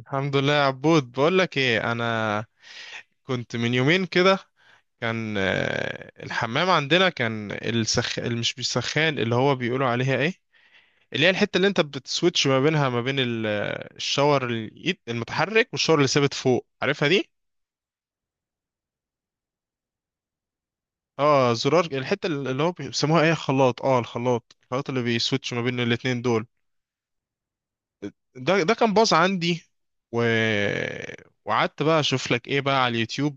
الحمد لله يا عبود، بقول لك ايه، انا كنت من يومين كده. كان آه، الحمام عندنا كان السخ اللي مش بيسخان، اللي هو بيقولوا عليها ايه، اللي هي الحته اللي انت بتسويتش ما بينها ما بين الشاور اليد المتحرك والشاور اللي ثابت فوق، عارفها دي؟ اه، زرار الحته اللي هو بيسموها ايه، خلاط. اه الخلاط اللي بيسويتش ما بين الاتنين دول. ده كان باظ عندي و... وقعدت بقى اشوف لك ايه بقى على اليوتيوب،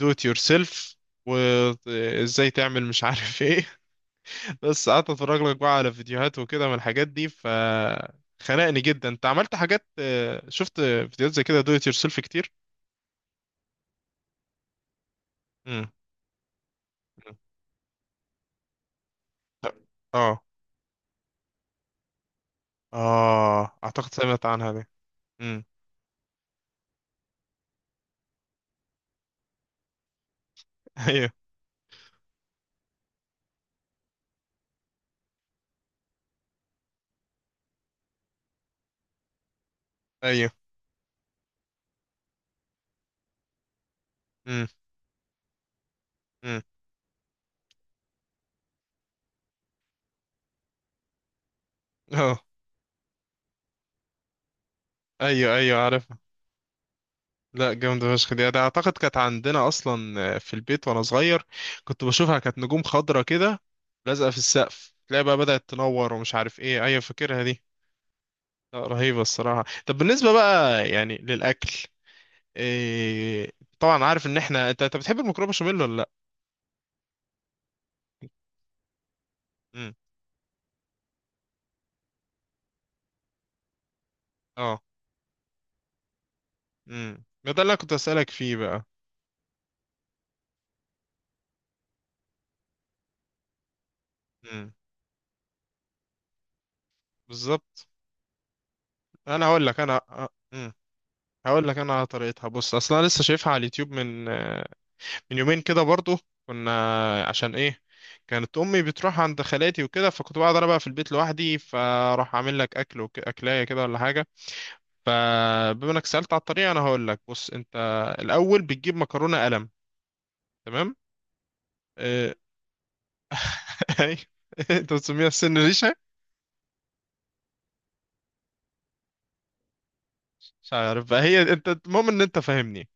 دو ات يور سيلف، وازاي تعمل مش عارف ايه. بس قعدت اتفرج لك بقى على فيديوهات وكده من الحاجات دي. خنقني جدا. انت عملت حاجات، شفت فيديوهات زي كده دو ات يور سيلف كتير. امم. اه. اه، اعتقد سمعت عنها دي. امم. ايوه. ايوه. امم. امم. اه. ايوه، ايوه، عارف. لا، جامدة فشخ دي. ده أعتقد كانت عندنا أصلا، في البيت وأنا صغير، كنت بشوفها، كانت نجوم خضرة كده لازقة في السقف، تلاقي بقى بدأت تنور ومش عارف إيه. أيوة، فاكرها دي. لا، رهيبة الصراحة. طب بالنسبة بقى يعني للأكل، إيه، طبعا عارف إن إحنا أنت بتحب المكرونة بشاميل ولا لأ؟ امم. اه. امم، ده اللي انا كنت اسالك فيه بقى. امم. بالظبط. انا هقول لك، انا. امم. هقول لك انا على طريقتها. بص، اصلا انا لسه شايفها على اليوتيوب من يومين كده برضو. كنا، عشان ايه، كانت امي بتروح عند خالاتي وكده، فكنت بقعد انا بقى في البيت لوحدي، فراح اعمل لك اكل اكلايه كده ولا حاجه. فبما انك سالت على الطريقه، انا هقول لك. بص انت، الاول بتجيب مكرونه قلم. تمام. اه... أيوة. انت بتسميها السن ريشه؟ مش عارف بقى هي. انت المهم ان انت فاهمني.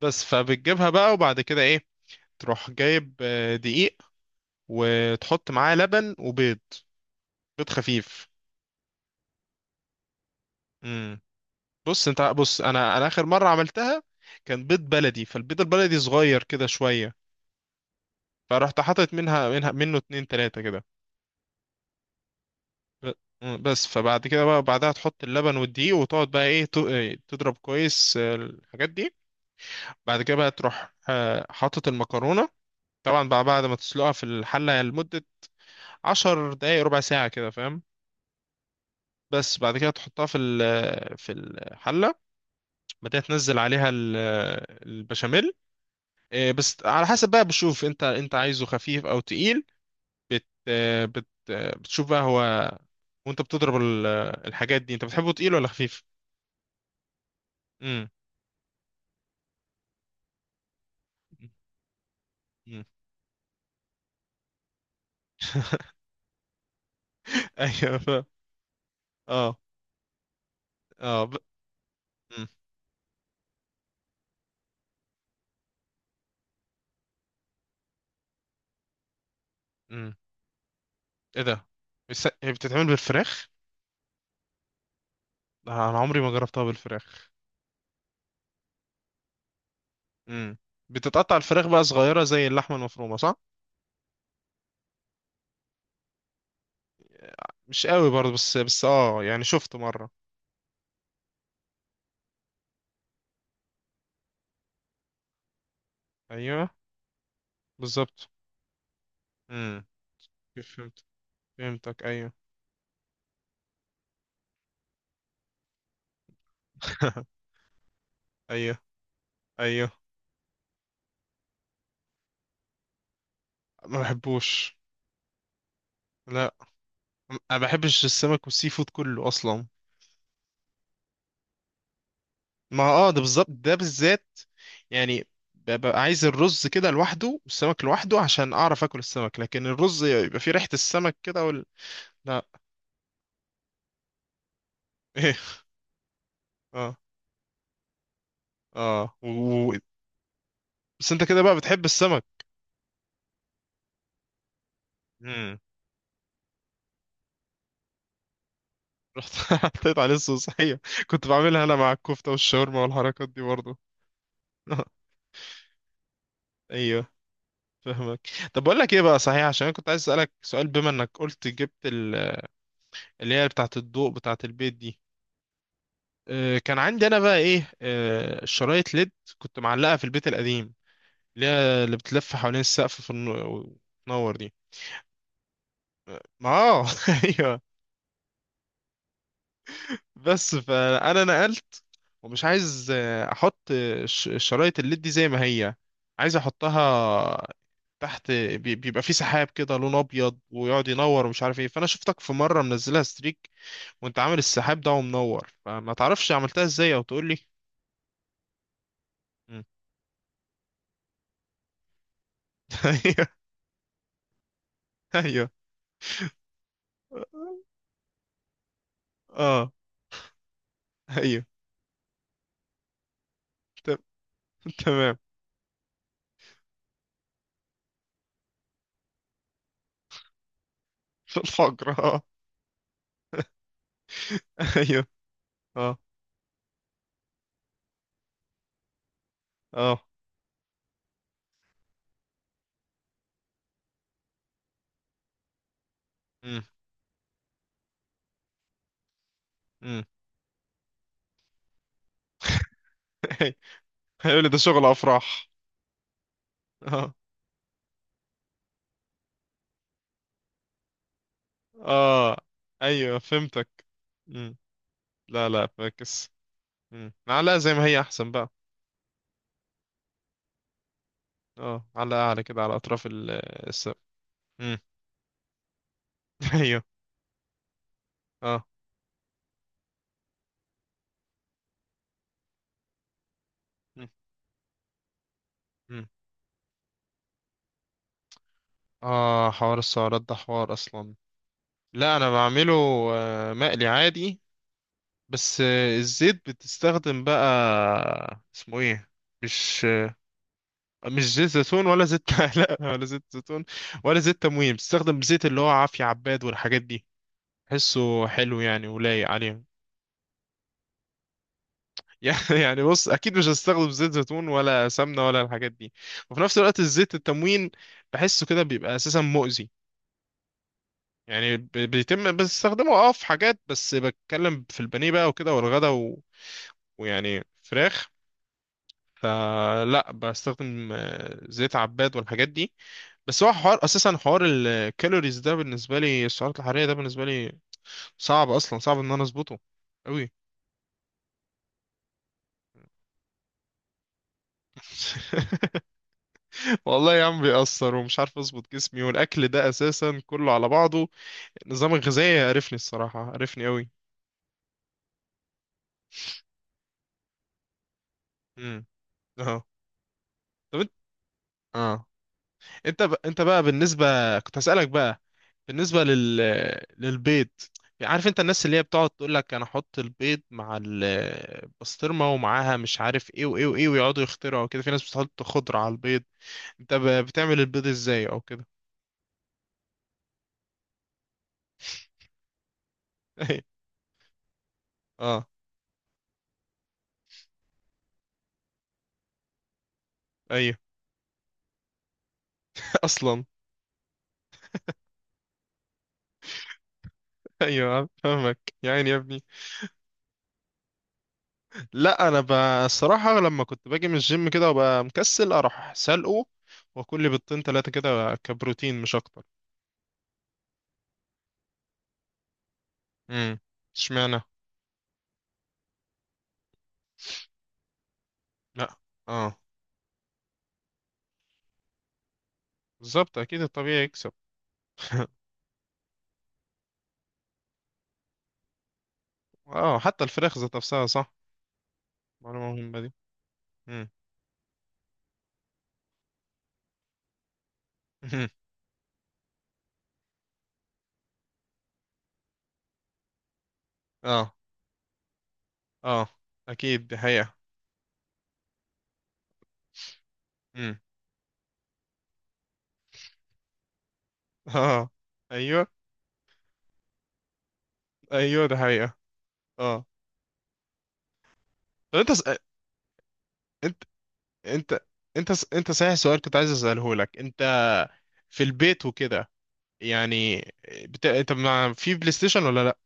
بس فبتجيبها بقى، وبعد كده ايه، تروح جايب دقيق، وتحط معاه لبن وبيض، بيض خفيف. بص انت، بص انا اخر مره عملتها، كان بيض بلدي، فالبيض البلدي صغير كده شويه، فرحت حاطط منه اتنين تلاته كده. ب- بس فبعد كده بقى، بعدها تحط اللبن والدقيق وتقعد بقى ايه، تضرب كويس الحاجات دي. بعد كده بقى تروح حاطط المكرونه، طبعا بقى بعد ما تسلقها في الحله لمده 10 دقايق ربع ساعه كده، فاهم؟ بس بعد كده تحطها في الحله بعد كده تنزل عليها البشاميل. إيه، بس على حسب بقى، بشوف انت عايزه خفيف او تقيل، بت آه، بت آه، بتشوف بقى هو. وانت بتضرب الحاجات دي، انت بتحبه تقيل ولا خفيف؟ امم. امم. ايوه. اه. اه. امم. امم. ايه ده؟ بس، هي بتتعمل بالفراخ؟ لا، انا عمري ما جربتها بالفراخ. امم. بتتقطع الفراخ بقى صغيرة زي اللحمة المفرومة، صح؟ مش قوي برضه، بس اه يعني شفت مرة. ايوه. بالظبط. امم. فهمت. فهمتك، ايوه. ايوه. ايوه. ما بحبوش. لا، ما بحبش السمك والسي فود كله اصلا. ما، ده بالظبط، ده بالذات، يعني، ببقى عايز الرز كده لوحده والسمك لوحده، عشان اعرف اكل السمك، لكن الرز يبقى فيه ريحة السمك كده. لا. ايه؟ اه. اه. و- بس انت كده بقى بتحب السمك؟ امم. رحت حطيت عليه الصوص، ايوه. كنت بعملها انا مع الكفتة والشاورما والحركات دي برضه. ايوه. فاهمك. طب بقول لك ايه بقى، صحيح، عشان انا كنت عايز اسالك سؤال، بما انك قلت جبت اللي هي بتاعة الضوء بتاعة البيت دي. كان عندي انا بقى ايه، الشرايط ليد، كنت معلقة في البيت القديم، اللي هي اللي بتلف حوالين السقف في وتنور دي. ما اه، ايوه. بس فانا نقلت، ومش عايز احط الشرايط الليد دي زي ما هي. عايز احطها تحت. بيبقى في سحاب كده لون ابيض ويقعد ينور ومش عارف ايه. فانا شفتك في مره منزلها ستريك، وانت عامل السحاب ده ومنور، فما تعرفش عملتها ازاي؟ او تقول لي. مم. ايوه. اه. ايوه. ت- تمام. الفقر، اه. ايوه. اه. اه. امم. امم. هيقول لي ده شغل افراح. اه. اه. ايوه، فهمتك. امم. لا، لا، فاكس. امم، معلقه زي ما هي احسن بقى. اه، معلقه اعلى كده على اطراف السقف. امم. ايوه. اه. مم. مم. اه، حوار السعرات ده حوار اصلا. لا انا بعمله مقلي عادي. بس الزيت بتستخدم بقى اسمه ايه، مش آه، مش زيت زيتون ولا زيت، لا، ولا زيت زيتون، ولا زيت تموين. بتستخدم زيت اللي هو عافية عباد والحاجات دي، حسه حلو يعني ولايق عليهم. يعني بص، اكيد مش هستخدم زيت زيتون ولا سمنة ولا الحاجات دي، وفي نفس الوقت الزيت التموين بحسه كده بيبقى اساسا مؤذي، يعني بيتم بستخدمه في حاجات، بس بتكلم في البانيه بقى وكده والغدا، ويعني فراخ. فلا بستخدم زيت عباد والحاجات دي. بس هو حوار اساسا، حوار الكالوريز ده بالنسبه لي، السعرات الحراريه ده بالنسبه لي، صعب اصلا، صعب ان انا اظبطه قوي. والله يا عم، بيأثر ومش عارف اظبط جسمي والاكل ده اساسا كله على بعضه. النظام الغذائي عرفني الصراحه، عرفني قوي. امم. اه. طب انت، اه، انت بقى بالنسبه كنت هسألك بقى، بالنسبة للبيض. عارف انت الناس اللي هي بتقعد تقول لك انا احط البيض مع البسطرمة ومعاها مش عارف ايه وايه وايه، ويقعدوا يخترعوا وكده، في ناس بتحط خضرة على البيض. انت بتعمل البيض ازاي او كده؟ اه. ايوه. اصلا. ايوه، فاهمك يا عيني يا ابني. لا انا، الصراحة، لما كنت باجي من الجيم كده وابقى مكسل اروح سلقه، واكل لي بيضتين تلاتة كده كبروتين مش اكتر. امم. اشمعنى؟ لا. اه. بالظبط، اكيد الطبيعي يكسب. اه، حتى الفراخ ذات نفسها، صح؟ معلومة مهمة دي. مم. مهم. اه. اه، اكيد دي حقيقة. مم. اه. ايوه. ايوه، دي حقيقة. اه. طب انت، انت انت صحيح سؤال كنت عايز اساله لك. انت في البيت وكده، يعني، انت مع في بلاي ستيشن ولا لا؟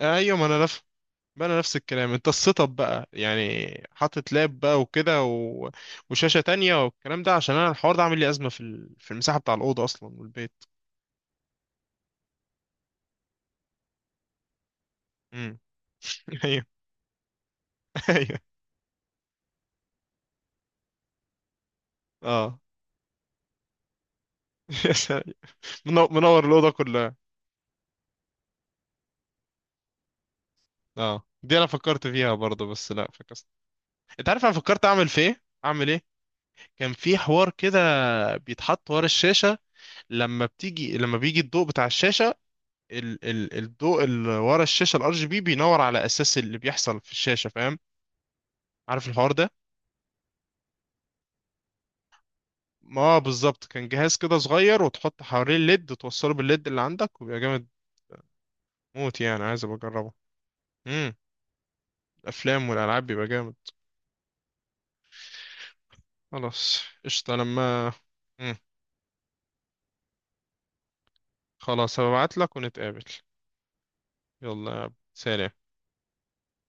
ايوه، ما انا نفس. ما انا نفس الكلام. انت السيت اب بقى يعني حاطط لاب بقى وكده، وشاشة تانية والكلام ده، عشان انا الحوار ده عامل لي ازمة في المساحة بتاع الأوضة اصلا والبيت. امم. ايوه. اه. يا سلام. منور الاوضه كلها. اه، دي انا فكرت فيها برضه، بس لا فكست. انت عارف انا فكرت اعمل في ايه، اعمل ايه؟ كان في حوار كده بيتحط ورا الشاشه، لما بيجي الضوء بتاع الشاشه، الضوء اللي ورا الشاشه الار جي بي بينور على اساس اللي بيحصل في الشاشه، فاهم؟ عارف الحوار ده؟ ما هو بالظبط، كان جهاز كده صغير وتحط حواليه الليد وتوصله بالليد اللي عندك وبيبقى جامد موت، يعني عايز ابقى اجربه. امم. الافلام والالعاب بيبقى جامد. خلاص قشطة، لما. مم. خلاص، هبعت لك ونتقابل. يلا سلام.